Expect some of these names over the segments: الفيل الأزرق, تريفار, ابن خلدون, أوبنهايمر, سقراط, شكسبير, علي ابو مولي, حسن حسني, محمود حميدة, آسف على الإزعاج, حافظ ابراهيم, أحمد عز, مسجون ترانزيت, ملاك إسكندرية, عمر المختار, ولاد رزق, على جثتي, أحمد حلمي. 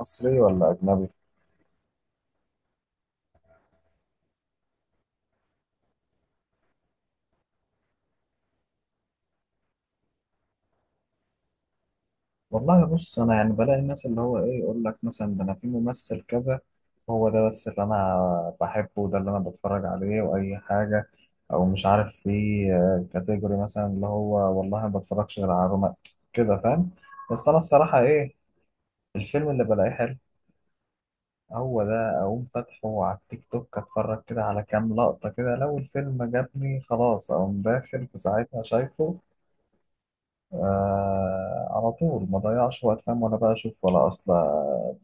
مصري ولا أجنبي؟ والله بص، أنا يعني بلاقي الناس اللي هو إيه، يقول لك مثلا ده أنا في ممثل كذا، هو ده بس اللي أنا بحبه، وده اللي أنا بتفرج عليه وأي حاجة. أو مش عارف، في كاتيجوري مثلا اللي هو والله ما بتفرجش غير على روما، كده فاهم؟ بس أنا الصراحة إيه، الفيلم اللي بلاقيه حلو هو ده، أقوم فاتحه على التيك توك، أتفرج كده على كام لقطة، كده لو الفيلم جابني خلاص أقوم داخل في ساعتها شايفه. آه، على طول، ما ضيعش وقت، فاهم؟ ولا بقى اشوف ولا اصل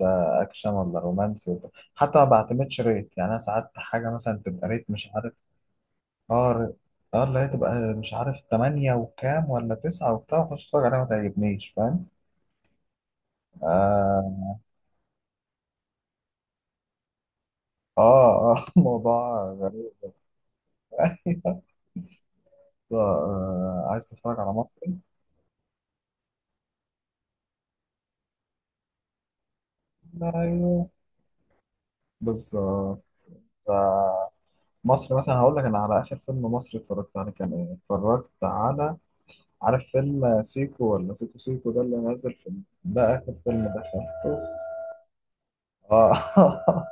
ده اكشن ولا رومانسي ولا حتى. ما بعتمدش ريت، يعني انا ساعات حاجه مثلا تبقى ريت مش عارف، اه ر- اه اللي هي تبقى مش عارف تمانية وكام ولا تسعة وبتاع، واخش اتفرج عليها ما تعجبنيش، فاهم؟ اه، اه، آه. موضوع غريب. ايوه. عايز تتفرج على مصري؟ ايوه، بالظبط. آه، مصر مثلا هقول لك، انا على اخر فيلم مصري اتفرجت عليه كان ايه، اتفرجت على، عارف فيلم سيكو ولا سيكو سيكو ده اللي نازل في؟ ده آخر فيلم دخلته. اه.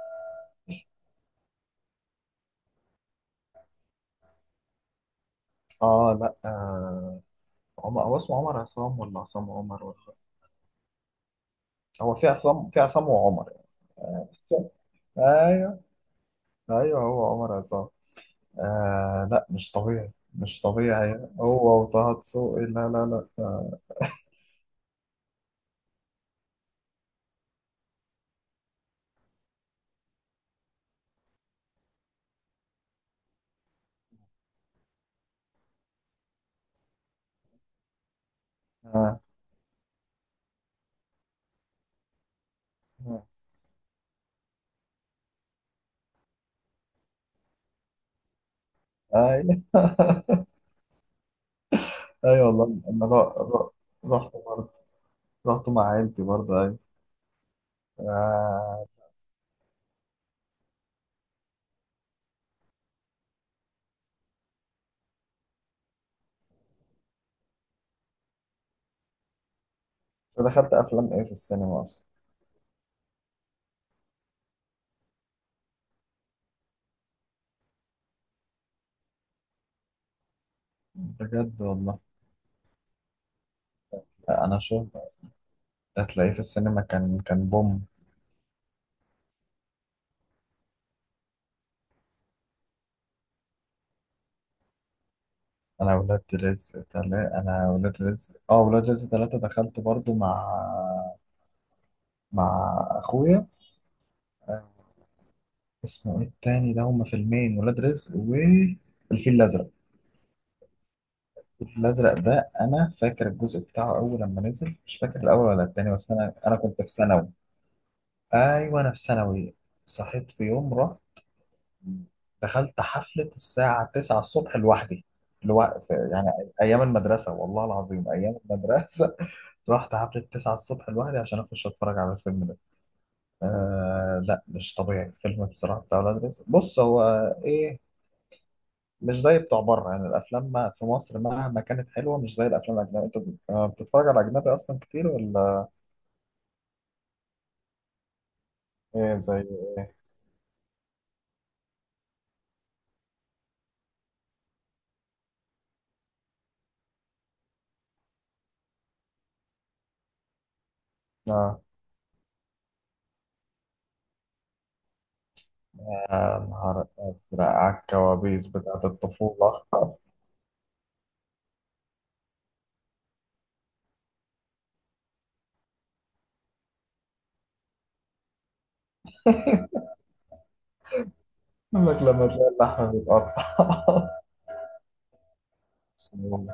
اه، لا، آه. عمر، هو اسمه عمر عصام ولا عصام عمر ولا عصام؟ هو في عصام، في عصام وعمر يعني. ايوه، ايوه، هو عمر عصام. آه، لا مش طبيعي مش طبيعي، هو وطه دسوقي، لا لا لا. آه. آه. آه، ايوه. ايوه والله، انا رحت برضه، رحت مع عيلتي برضه، ايوه. آه. دخلت افلام ايه في السينما اصلا؟ بجد والله. لا، انا شوف، هتلاقيه في السينما، كان بوم. انا ولاد رزق تلا انا ولاد رزق اه ولاد رزق ثلاثة دخلت برضو مع اخويا. آه. اسمه ايه التاني ده؟ هما فيلمين، ولاد رزق والفيل الازرق. الفيل الازرق ده انا فاكر الجزء بتاعه اول لما نزل، مش فاكر الاول ولا التاني، بس انا كنت في ثانوي. ايوه، انا في ثانوي. صحيت في يوم، رحت دخلت حفلة الساعة 9 الصبح لوحدي، لوقف يعني. أيام المدرسة، والله العظيم أيام المدرسة. رحت حفلة 9 الصبح لوحدي عشان أخش أتفرج على الفيلم ده. آه لا، مش طبيعي الفيلم بصراحة بتاع ولاد رزق. بص، هو إيه؟ مش زي بتوع بره يعني، الأفلام ما في مصر مهما كانت حلوة مش زي الأفلام الأجنبية. أنت بتتفرج على أجنبي أصلا كتير ولا إيه؟ زي. آه. آه، نهار أزرق على الكوابيس بتاعت الطفولة. يقول لك لما تلاقي اللحم بيتقطع. صالون،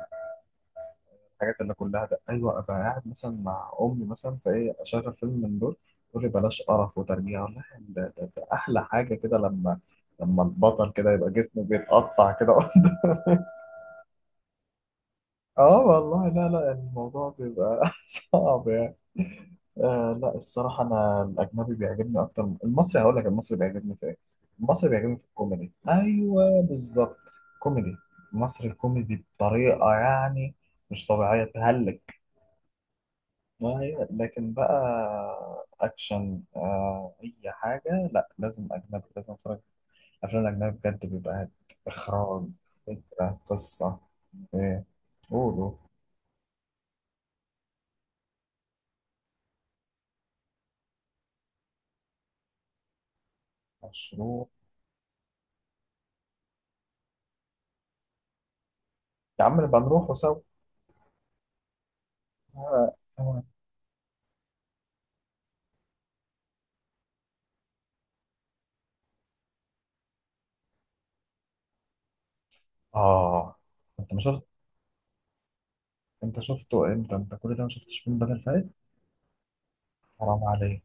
الحاجات اللي كلها ده، ايوه. ابقى قاعد مثلا مع امي مثلا، فايه اشغل فيلم من دول، تقول لي بلاش قرف وترجيع، والله ده احلى حاجه كده، لما البطل كده يبقى جسمه بيتقطع كده. اه والله، لا لا، الموضوع بيبقى صعب يعني. آه لا، الصراحة أنا الأجنبي بيعجبني أكتر من المصري. هقول لك، المصري بيعجبني في إيه؟ المصري بيعجبني في الكوميدي، أيوه بالظبط. كوميدي، مصري كوميدي بطريقة يعني مش طبيعية، تهلك. ما هي لكن بقى اكشن، آه اي حاجه، لا، لازم اجنبي، لازم اتفرج افلام الاجنبي، بجد بيبقى اخراج، فكره، قصه، ايه. قولوا، مشروع، يا عم نبقى نروحوا سوا. اه. آه. آه. انت ما شفت؟ انت شفته امتى؟ انت كل ده ما شفتش فيلم بدل فايت؟ حرام عليك.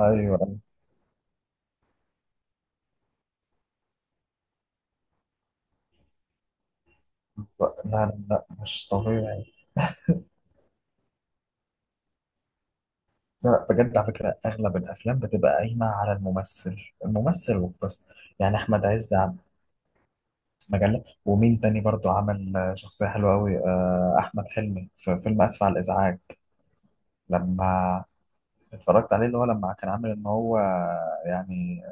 ايوه. لا لا لا، مش طبيعي. لا بجد، على فكره اغلب الافلام بتبقى قايمه على الممثل، الممثل والقصه. يعني احمد عز، مجلة، ومين تاني برضو عمل آه شخصية حلوة أوي، آه، أحمد حلمي في فيلم آسف على الإزعاج، لما اتفرجت عليه، اللي هو لما كان عامل إن هو يعني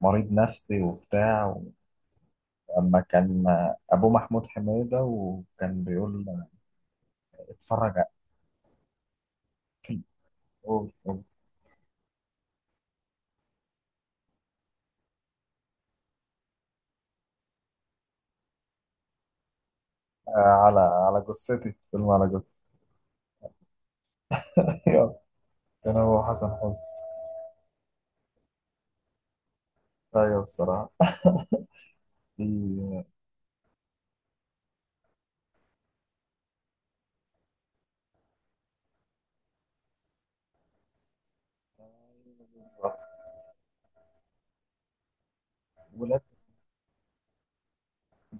مريض نفسي وبتاع. أما كان آه أبوه محمود حميدة، وكان بيقول اتفرج على، قول، على جثتي، فيلم على جثتي. أيوة، كان هو حسن حسني. أيوه الصراحة. في- بالظبط. ولاد،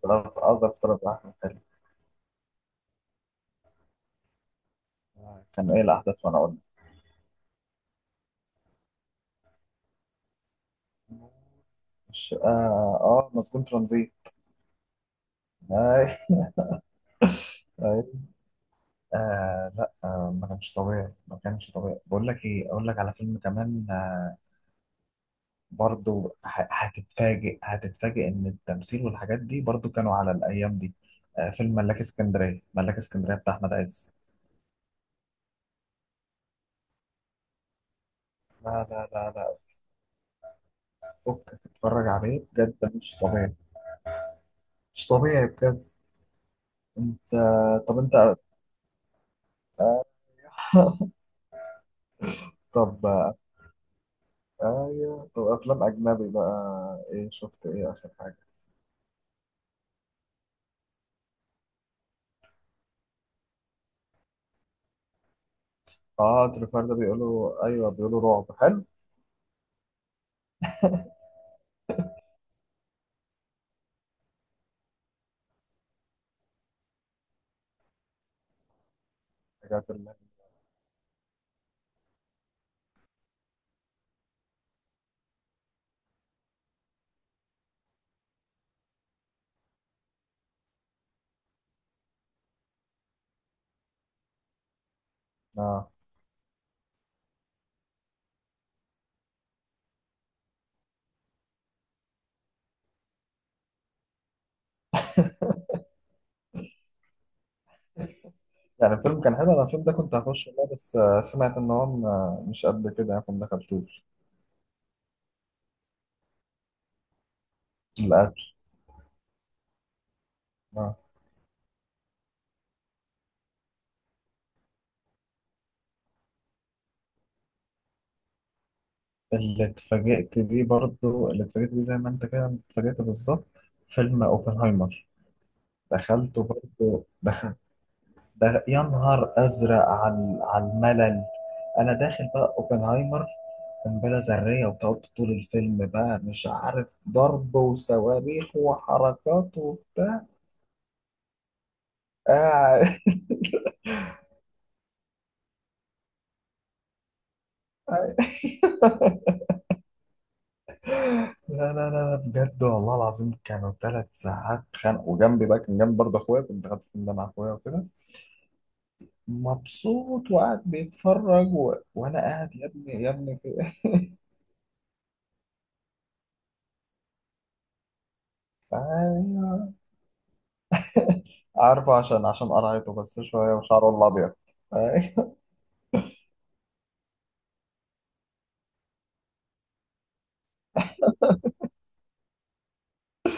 في أظهر طلب أحمد حلمي. آه، كان إيه الأحداث؟ وأنا أقول لك. مش آه، مسجون ترانزيت. اي، اي. آه لا، آه ما كانش طبيعي، ما كانش طبيعي. بقول لك ايه، اقول لك على فيلم كمان. آه، برضو هتتفاجئ ان التمثيل والحاجات دي برضو كانوا على الايام دي. آه، فيلم ملاك اسكندريه، ملاك اسكندريه بتاع احمد عز. لا لا لا لا، فكك تتفرج عليه بجد، مش طبيعي. مش طبيعي بجد. انت. طب انت. آه. طب. آه، ايوه طب، افلام اجنبي بقى، ايه شفت ايه اخر حاجه؟ اه تريفار ده بيقولوا، ايوه بيقولوا رعب حلو. حاجات ال-. آه. يعني الفيلم كان حلو، انا الفيلم ده كنت هخش والله، بس آه سمعت ان هو مش قد كده يعني، فما دخلتوش للاسف. اه. اللي اتفاجئت بيه برضه، اللي اتفاجئت بيه زي ما انت كده اتفاجئت بالظبط، فيلم اوبنهايمر. دخلته برضه دخلته، ده يا نهار ازرق على الملل. انا داخل بقى اوبنهايمر، قنبله ذريه، وتقعد طول الفيلم بقى مش عارف ضرب وصواريخ وحركات وبتاع قاعد. لا لا لا لا، بجد والله العظيم كانوا 3 ساعات خانق. وجنبي بقى كان جنبي برضه اخويا، كنت قاعد في الفيلم ده مع اخويا وكده، مبسوط وقاعد بيتفرج، و... وانا قاعد يا ابني يا ابني في... ايوه، عارفه، عشان قرعته بس شوية وشعره الأبيض. أيوة.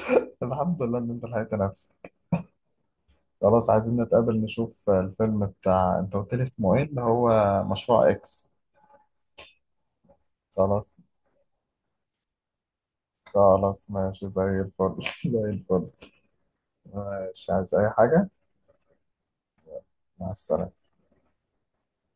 الحمد لله إن أنت لحقت نفسك. خلاص عايزين نتقابل نشوف الفيلم بتاع، أنت قلت لي اسمه إيه اللي هو؟ مشروع إكس. خلاص. خلاص ماشي زي الفل. زي الفل. ماشي، عايز أي حاجة؟ مع السلامة.